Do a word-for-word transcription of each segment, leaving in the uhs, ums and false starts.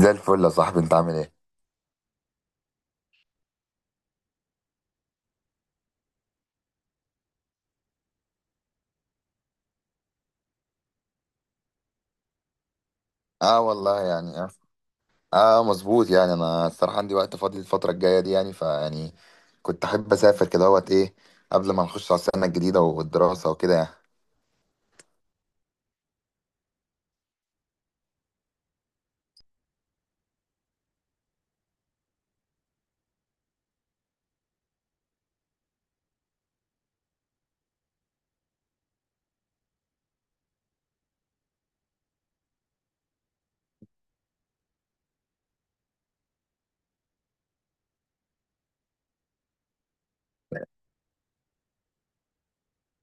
زي الفل يا صاحبي، انت عامل ايه؟ اه والله يعني. اه، اه مظبوط يعني. انا الصراحه عندي وقت فاضي الفتره الجايه دي، يعني فيعني كنت احب اسافر كده اهوت ايه، قبل ما نخش على السنه الجديده والدراسه وكده يعني.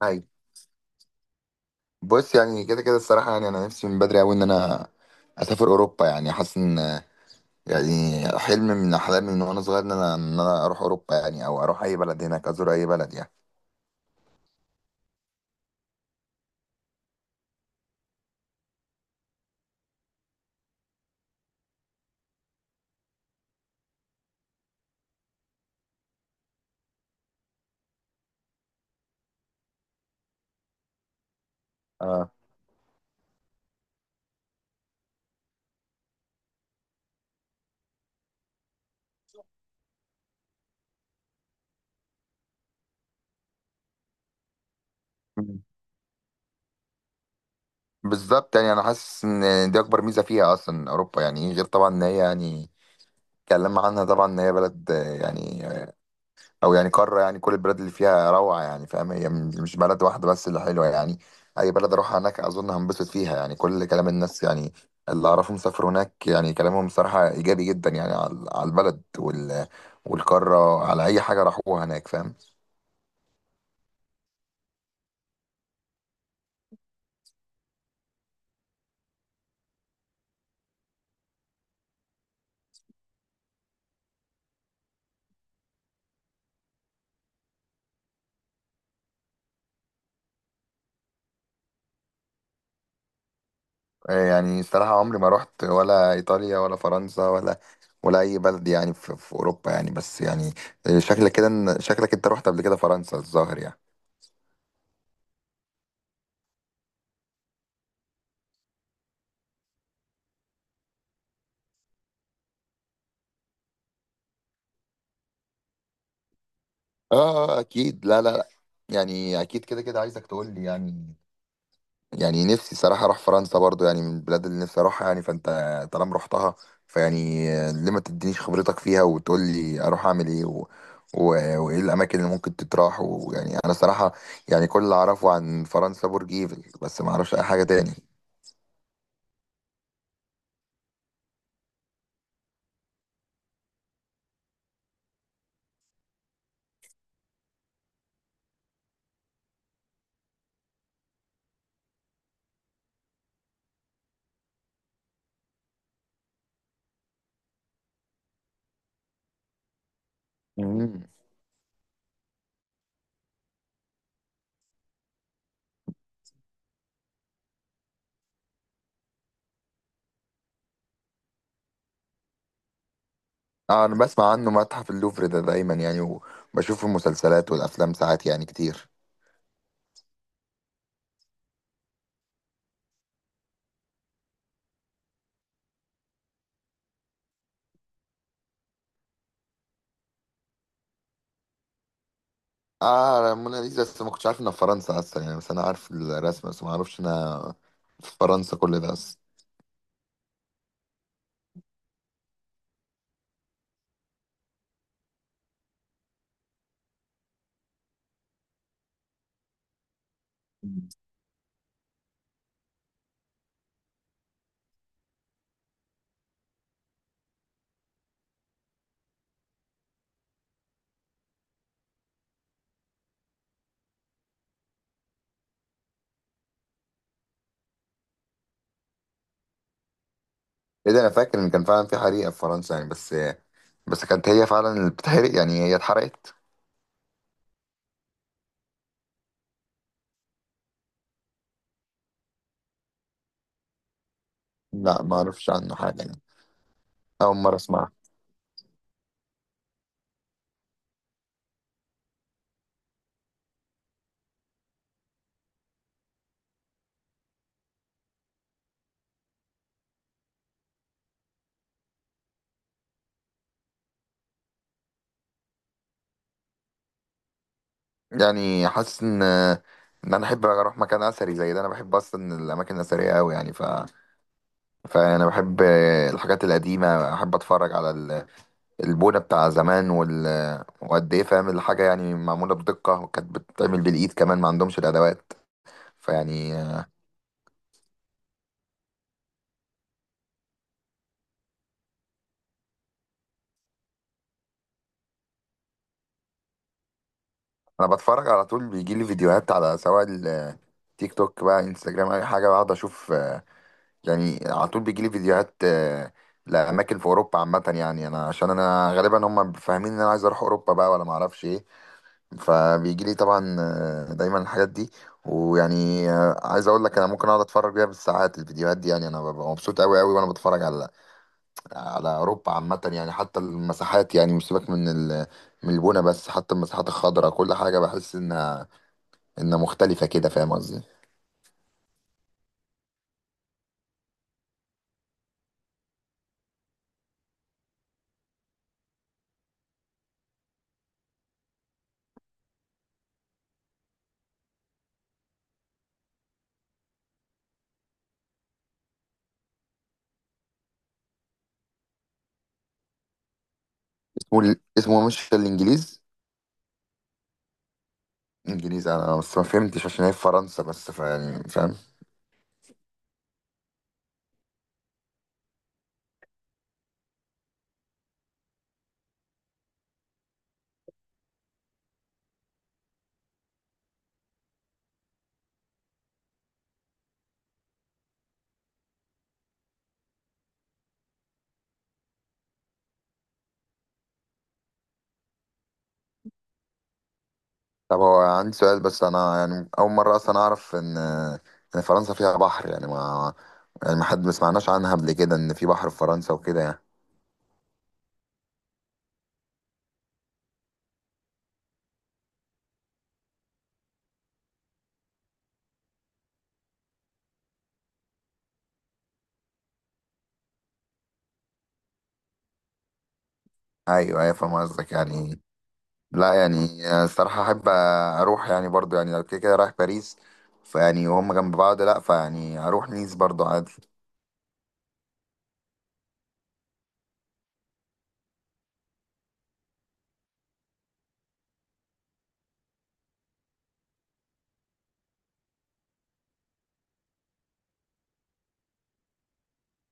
هاي. بص يعني، كده كده الصراحه يعني انا نفسي من بدري قوي ان انا اسافر اوروبا. يعني حاسس ان يعني حلم من احلامي من وانا صغير ان انا ان انا اروح اوروبا، يعني او اروح اي بلد هناك، ازور اي بلد يعني. اه بالظبط، يعني انا حاسس ان دي اكبر ميزه فيها اصلا اوروبا. يعني غير طبعا ان هي يعني اتكلمنا عنها، طبعا ان هي بلد آه، يعني آه، او يعني قاره، يعني كل البلاد اللي فيها روعه يعني، فاهم؟ هي م- مش بلد واحده بس اللي حلوه يعني. اي بلد اروحها هناك اظن هنبسط فيها يعني. كل كلام الناس يعني اللي اعرفهم سافروا هناك يعني كلامهم صراحه ايجابي جدا يعني، على على البلد وال والقاره، على اي حاجه راحوها هناك، فاهم؟ آه، يعني الصراحه عمري ما رحت ولا ايطاليا ولا فرنسا ولا ولا اي بلد يعني في, في اوروبا يعني، بس يعني آه، شكلك كده إن- شكلك انت رحت قبل كده فرنسا الظاهر يعني. اه، آه، اكيد. لا لا لا، يعني اكيد كده كده عايزك تقول لي يعني. يعني نفسي صراحة اروح فرنسا برضو، يعني من البلاد اللي نفسي اروحها يعني. فانت طالما رحتها فيعني، آه، ليه ما تدينيش خبرتك فيها وتقول لي اروح اعمل ايه و... و... وايه الاماكن اللي ممكن تتراح. ويعني انا صراحة يعني كل اللي اعرفه عن فرنسا برج ايفل بس، ما اعرفش اي حاجة تاني. مم. اه، انا بسمع عنه متحف اللوفر ده دايما يعني، وبشوف المسلسلات والافلام ساعات يعني كتير. اه موناليزا، بس ما كنتش عارف انها في فرنسا اصلا يعني. بس انا عارف الرسمه بس، ما اعرفش انها في فرنسا كل ده اصلا. ايه ده! انا فاكر ان كان فعلا في حريقه في فرنسا يعني، بس بس كانت هي فعلا اللي بتحرق يعني؟ هي اتحرقت؟ لا ما اعرفش عنه حاجه يعني. اول مره اسمعها. يعني حاسس ان ان انا احب اروح مكان اثري زي ده. انا بحب اصلا الاماكن الاثريه قوي يعني، ف فانا بحب الحاجات القديمه، احب اتفرج على ال... البونة بتاع زمان وال... وقد ايه فاهم الحاجة يعني معمولة بدقة، وكانت بتتعمل بالإيد كمان، ما عندهمش الأدوات. فيعني آه، أنا بتفرج على طول، بيجي لي فيديوهات على سواء التيك توك بقى انستجرام، أي حاجة بقعد أشوف. آه، يعني على طول بيجي لي فيديوهات آه، لأماكن في أوروبا عامة يعني. أنا عشان أنا غالبا هم فاهمين إن أنا عايز أروح أوروبا بقى ولا معرفش إيه، فبيجي لي طبعا آه، دايما الحاجات دي. ويعني آه، عايز أقول لك أنا ممكن أقعد أتفرج بيها بالساعات الفيديوهات دي يعني. أنا ببقى مبسوط أوي أوي وأنا بتفرج على على اوروبا عامه يعني. حتى المساحات يعني، مش سيبك من ال... من البنا بس، حتى المساحات الخضراء كل حاجه بحس انها انها مختلفه كده، فاهم قصدي؟ اسمه ال... اسمه مش الانجليز؟ انجليزي انا بس ما فهمتش عشان هي في فرنسا، بس فيعني فاهم. طب هو عندي سؤال بس، انا يعني اول مره اصلا اعرف ان ان فرنسا فيها بحر يعني. ما يعني ما حد ما سمعناش عنها قبل كده ان في بحر في فرنسا وكده يعني. ايوه ايوه فاهم قصدك يعني. لا يعني آه، الصراحة أحب أروح يعني برضو، يعني لو كده كده رايح باريس فيعني وهم جنب بعض، لا فيعني أروح نيس برضو عادي.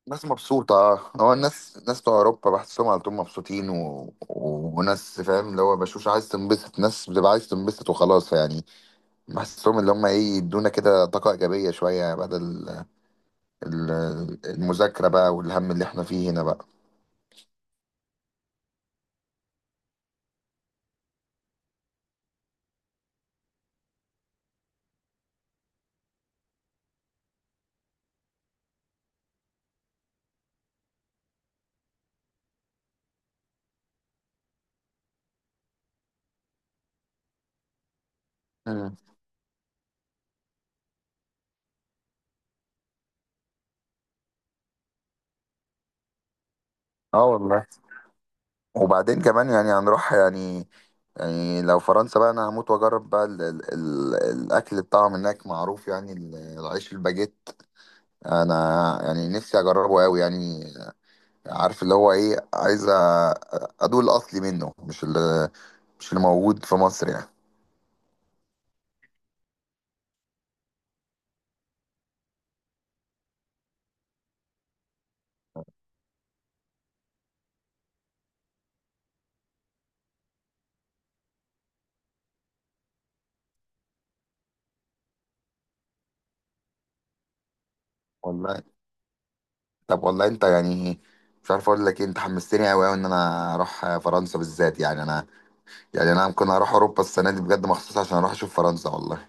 الناس مبسوطة. هو الناس ناس بتوع أوروبا بحسهم على طول مبسوطين، و... و... وناس فاهم اللي هو بشوش، عايز تنبسط، ناس بتبقى عايز تنبسط وخلاص يعني. بحسهم اللي هم إيه يدونا كده طاقة إيجابية شوية، يعني بدل ال- المذاكرة بقى والهم اللي إحنا فيه هنا بقى. مم. اه والله. وبعدين كمان يعني هنروح يعني، يعني لو فرنسا بقى انا هموت واجرب بقى ال ال ال الاكل بتاعهم هناك معروف يعني، ال- العيش الباجيت. انا يعني نفسي اجربه قوي يعني. عارف اللي هو ايه، عايز أ- ادوق الاصلي منه، مش اللي مش اللي موجود في مصر يعني. والله طب والله انت يعني مش عارف اقول لك ايه، انت حمستني قوي قوي ان انا اروح فرنسا بالذات يعني. انا يعني انا ممكن اروح اوروبا السنه دي بجد، مخصوص عشان اروح اشوف فرنسا والله.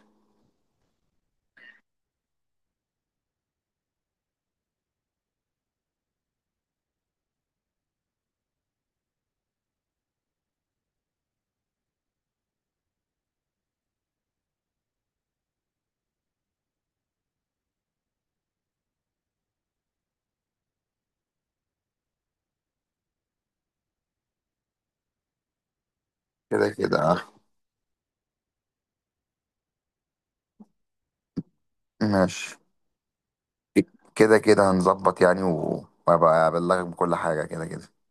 كده كده آه. ماشي. كده كده هنظبط يعني، و- وابقى ابلغك بكل حاجة كده كده.